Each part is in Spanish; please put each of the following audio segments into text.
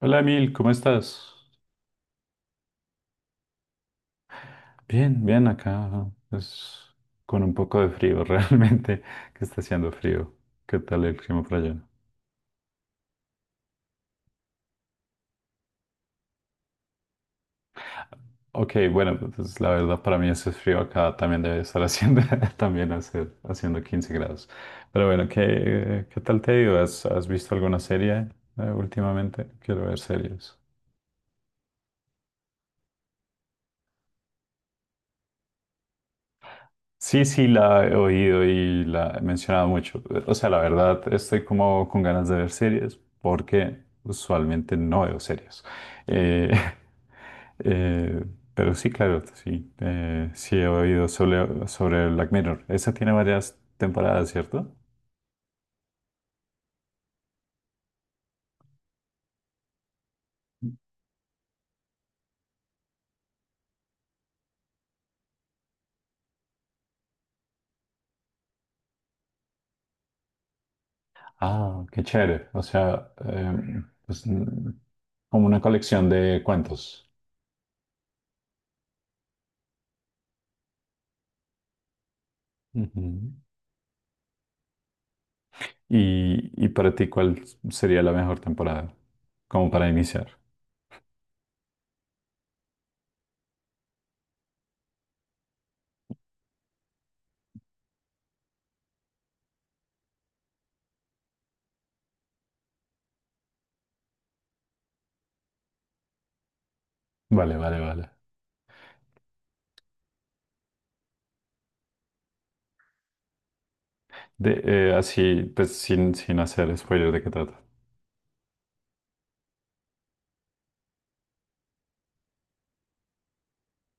Hola Emil, ¿cómo estás? Bien, bien acá. Es con un poco de frío, realmente, que está haciendo frío. ¿Qué tal el clima por allá? Ok, bueno, pues la verdad para mí ese frío acá también debe estar haciendo, haciendo 15 grados. Pero bueno, ¿qué, qué tal te ha ¿Has, has visto alguna serie últimamente? Quiero ver series. Sí, sí, la he oído y la he mencionado mucho. O sea, la verdad, estoy como con ganas de ver series porque usualmente no veo series. Eh, eh, pero sí, claro, sí. Sí he oído sobre Black Mirror. Esa tiene varias temporadas, ¿cierto? Ah, qué chévere. O sea, pues, como una colección de cuentos. Ujú. Y para ti, ¿cuál sería la mejor temporada? Como para iniciar. Vale, vale, vale. Así, pues sin hacer spoiler de qué trata.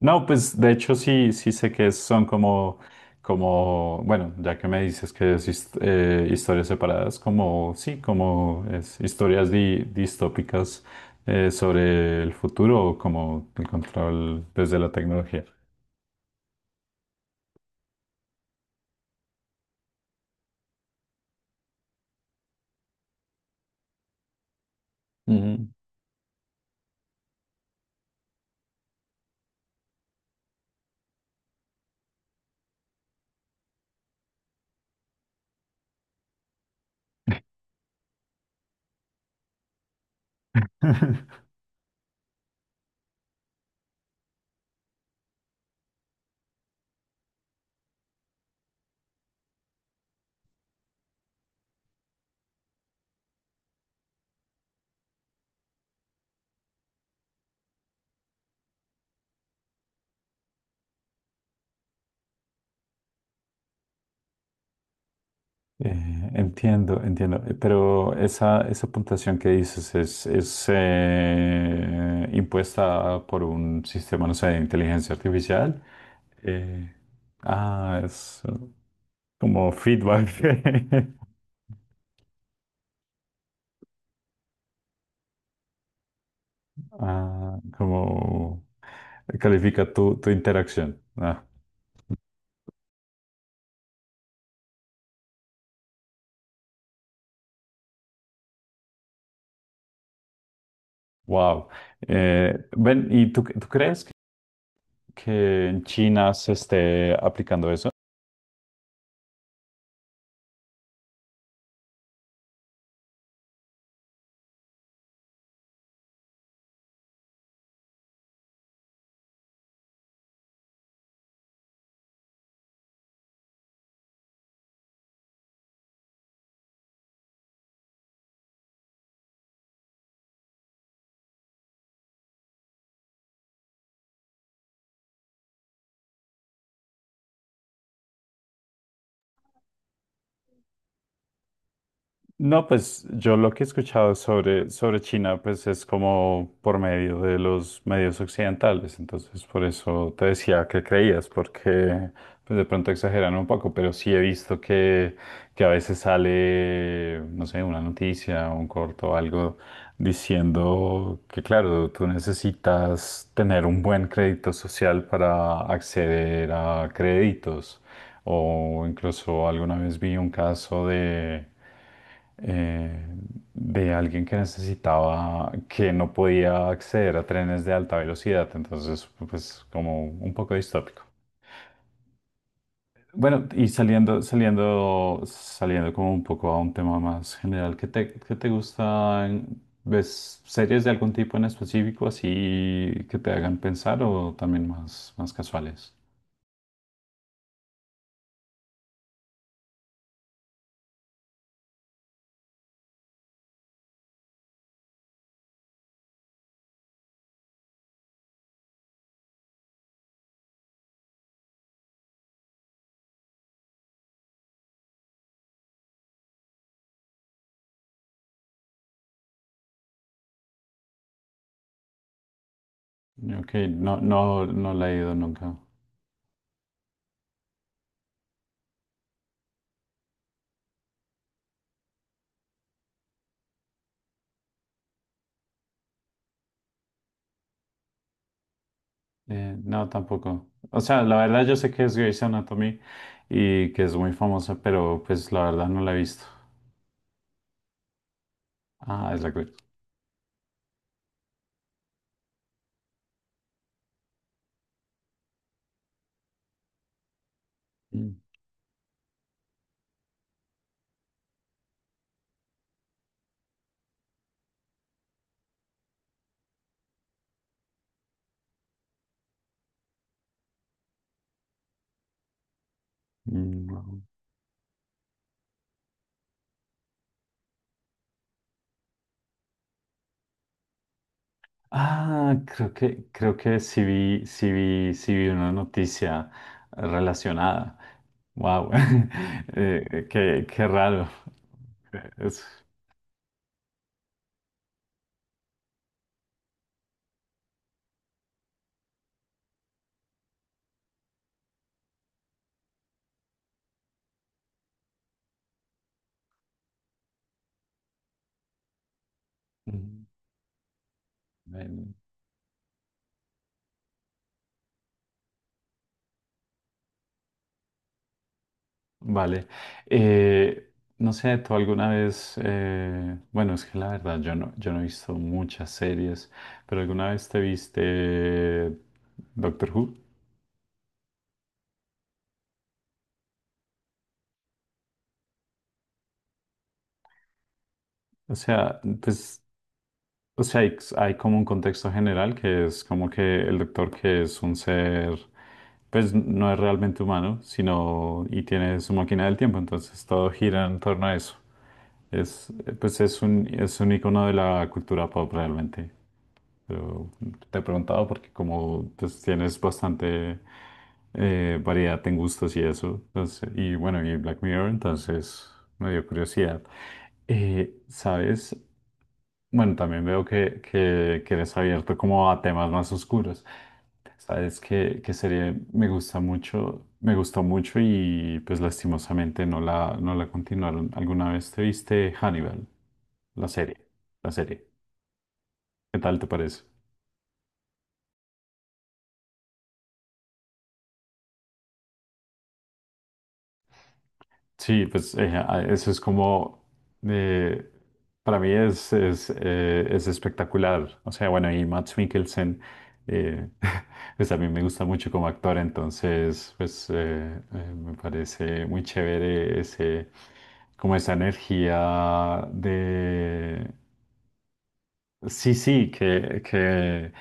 No, pues de hecho sí, sí sé que son como, bueno, ya que me dices que es historias separadas, como, sí, como es historias distópicas sobre el futuro o como el control desde la tecnología. Entiendo, entiendo. Pero esa puntuación que dices es impuesta por un sistema, no sé, de inteligencia artificial. Eh, ah, es como feedback. Ah, como califica tu interacción. Ah, wow. Ven, ¿y tú crees que en China se esté aplicando eso? No, pues yo lo que he escuchado sobre China, pues es como por medio de los medios occidentales, entonces por eso te decía que creías, porque pues de pronto exageran un poco, pero sí he visto que a veces sale, no sé, una noticia, un corto, algo diciendo que claro, tú necesitas tener un buen crédito social para acceder a créditos, o incluso alguna vez vi un caso eh, de alguien que necesitaba, que no podía acceder a trenes de alta velocidad, entonces pues como un poco distópico. Bueno, y saliendo como un poco a un tema más general, ¿qué te gustan? ¿Ves series de algún tipo en específico así que te hagan pensar o también más casuales? Ok, no, no, no la he ido nunca. No, tampoco. O sea, la verdad yo sé que es Grey's Anatomy y que es muy famosa, pero pues la verdad no la he visto. Ah, es la Grey. Mm, mm. Ah, creo que sí vi una noticia relacionada. Wow. Qué raro. Es- Mm. Vale. Eh, no sé, tú alguna vez, bueno, es que la verdad yo no he visto muchas series, pero alguna vez te viste Doctor Who. O sea, pues, o sea, hay como un contexto general que es como que el doctor que es un ser, pues no es realmente humano, sino y tiene su máquina del tiempo, entonces todo gira en torno a eso. Pues es un icono de la cultura pop realmente. Pero te he preguntado porque como pues, tienes bastante variedad en gustos y eso, entonces, y bueno, y Black Mirror, entonces me dio curiosidad. ¿Sabes? Bueno, también veo que eres abierto como a temas más oscuros. ¿Sabes que serie me gusta mucho? Me gustó mucho y pues lastimosamente no la continuaron. ¿Alguna vez te viste Hannibal? La serie, la serie. ¿Qué tal te parece? Sí, pues eso es como, eh, para mí es espectacular. O sea, bueno, y Mads Mikkelsen, eh, pues a mí me gusta mucho como actor, entonces, pues me parece muy chévere ese, como esa energía. Sí, sí, que, que,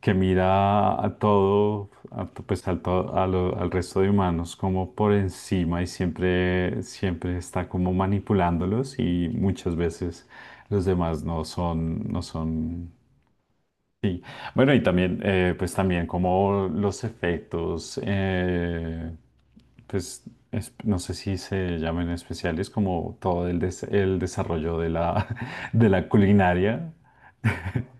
que mira a todo, a to- pues al, to- a lo- al resto de humanos como por encima y siempre está como manipulándolos y muchas veces los demás no son. Sí, bueno, y también, pues también como los efectos, pues no sé si se llaman especiales, como todo el desarrollo de la, de la culinaria.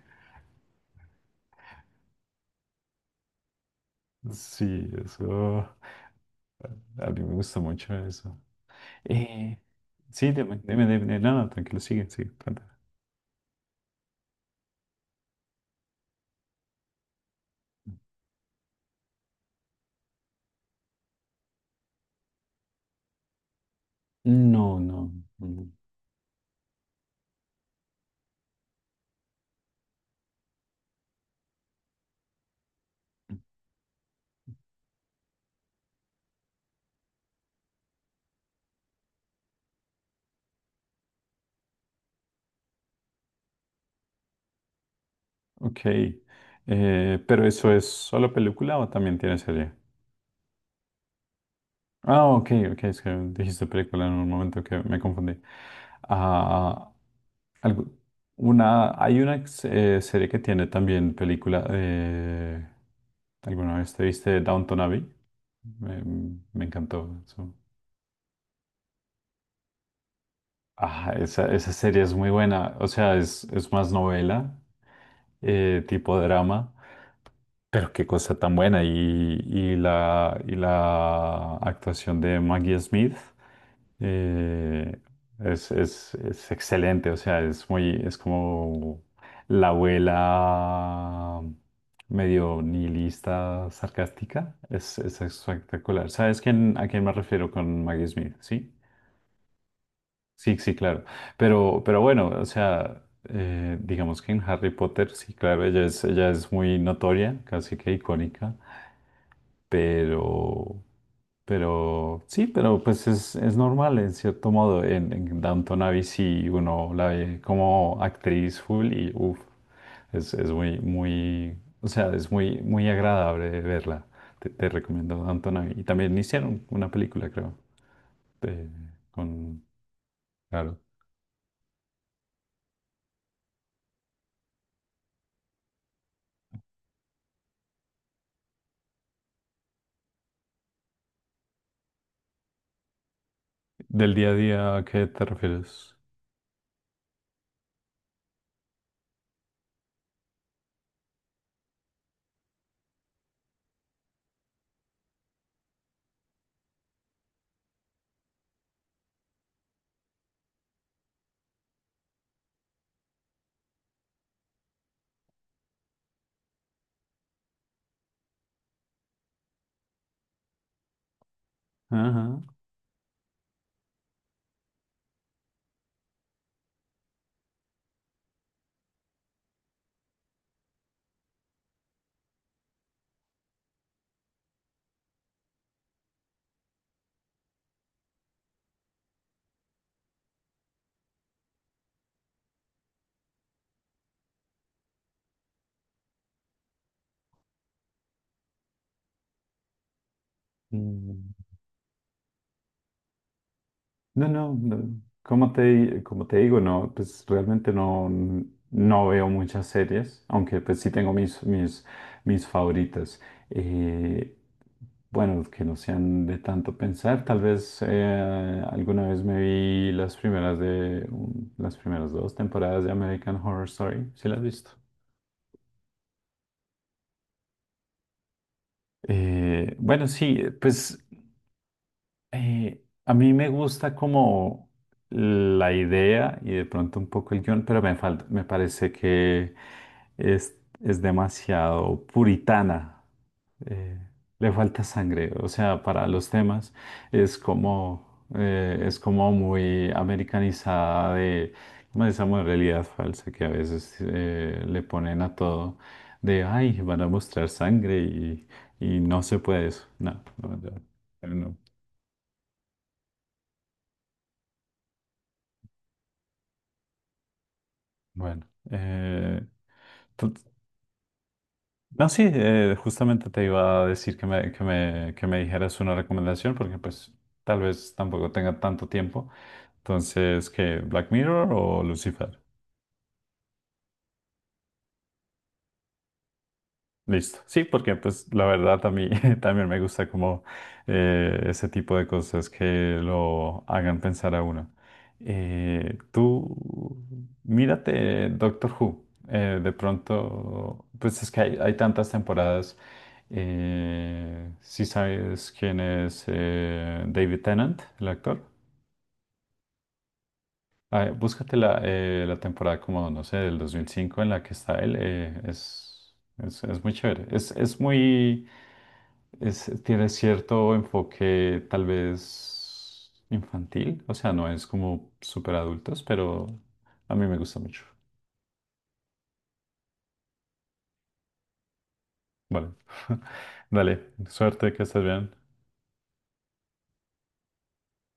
Sí, eso, a mí me gusta mucho eso. Eh, sí, dime, dime, dime, no, no, tranquilo, sigue, sigue, cuenta. No, no, no. Ok. ¿Pero eso es solo película o también tiene serie? Ah, ok, ok. Es que dijiste película en un momento que me confundí. Ah, algo- hay una serie que tiene también película. ¿Alguna vez te viste Downton Abbey? Me, me encantó eso. Ah, esa serie es muy buena. O sea, es más novela, tipo drama. Pero qué cosa tan buena. Y la actuación de Maggie Smith eh, es excelente. O sea, es como la abuela medio nihilista, sarcástica. Es espectacular. ¿Sabes a quién me refiero con Maggie Smith? Sí, sí, sí, claro. Pero bueno, o sea, digamos que en Harry Potter, sí, claro, ella es muy notoria, casi que icónica. Pero, pero sí, pero pues es normal en cierto modo. En Downton Abbey sí uno la ve como actriz full y uff, o sea, es muy, muy agradable verla. Te recomiendo Downton Abbey. Y también hicieron una película, creo, de- con, claro. Del día a día, ¿a qué te refieres? Ajá. Mm. No, no, no, como te digo, no, pues realmente no veo muchas series, aunque pues sí tengo mis favoritas. Eh, bueno, que no sean de tanto pensar, tal vez alguna vez me vi las primeras dos temporadas de American Horror Story, ¿sí las has visto? Bueno, sí, pues. A mí me gusta como la idea y de pronto un poco el guión, pero me falta, me parece que es, es demasiado puritana. eh, Le falta sangre, o sea, para los temas es como muy americanizada de, como esa realidad falsa que a veces le ponen a todo, de, ay, van a mostrar sangre y no se puede eso. No, no, no, no. Bueno, tú- no, sí, justamente te iba a decir que me dijeras una recomendación porque pues tal vez tampoco tenga tanto tiempo. Entonces, ¿qué? ¿Black Mirror o Lucifer? Listo. Sí, porque pues la verdad a mí también me gusta como ese tipo de cosas que lo hagan pensar a uno. Tú, mírate Doctor Who. De pronto, pues es que hay tantas temporadas. Si sabes quién es David Tennant, el actor. Ah, búscate la, la temporada como, no sé, del 2005 en la que está él. Es muy chévere. Tiene cierto enfoque tal vez infantil, o sea, no es como súper adultos, pero a mí me gusta mucho. Vale, dale, suerte, que estés bien.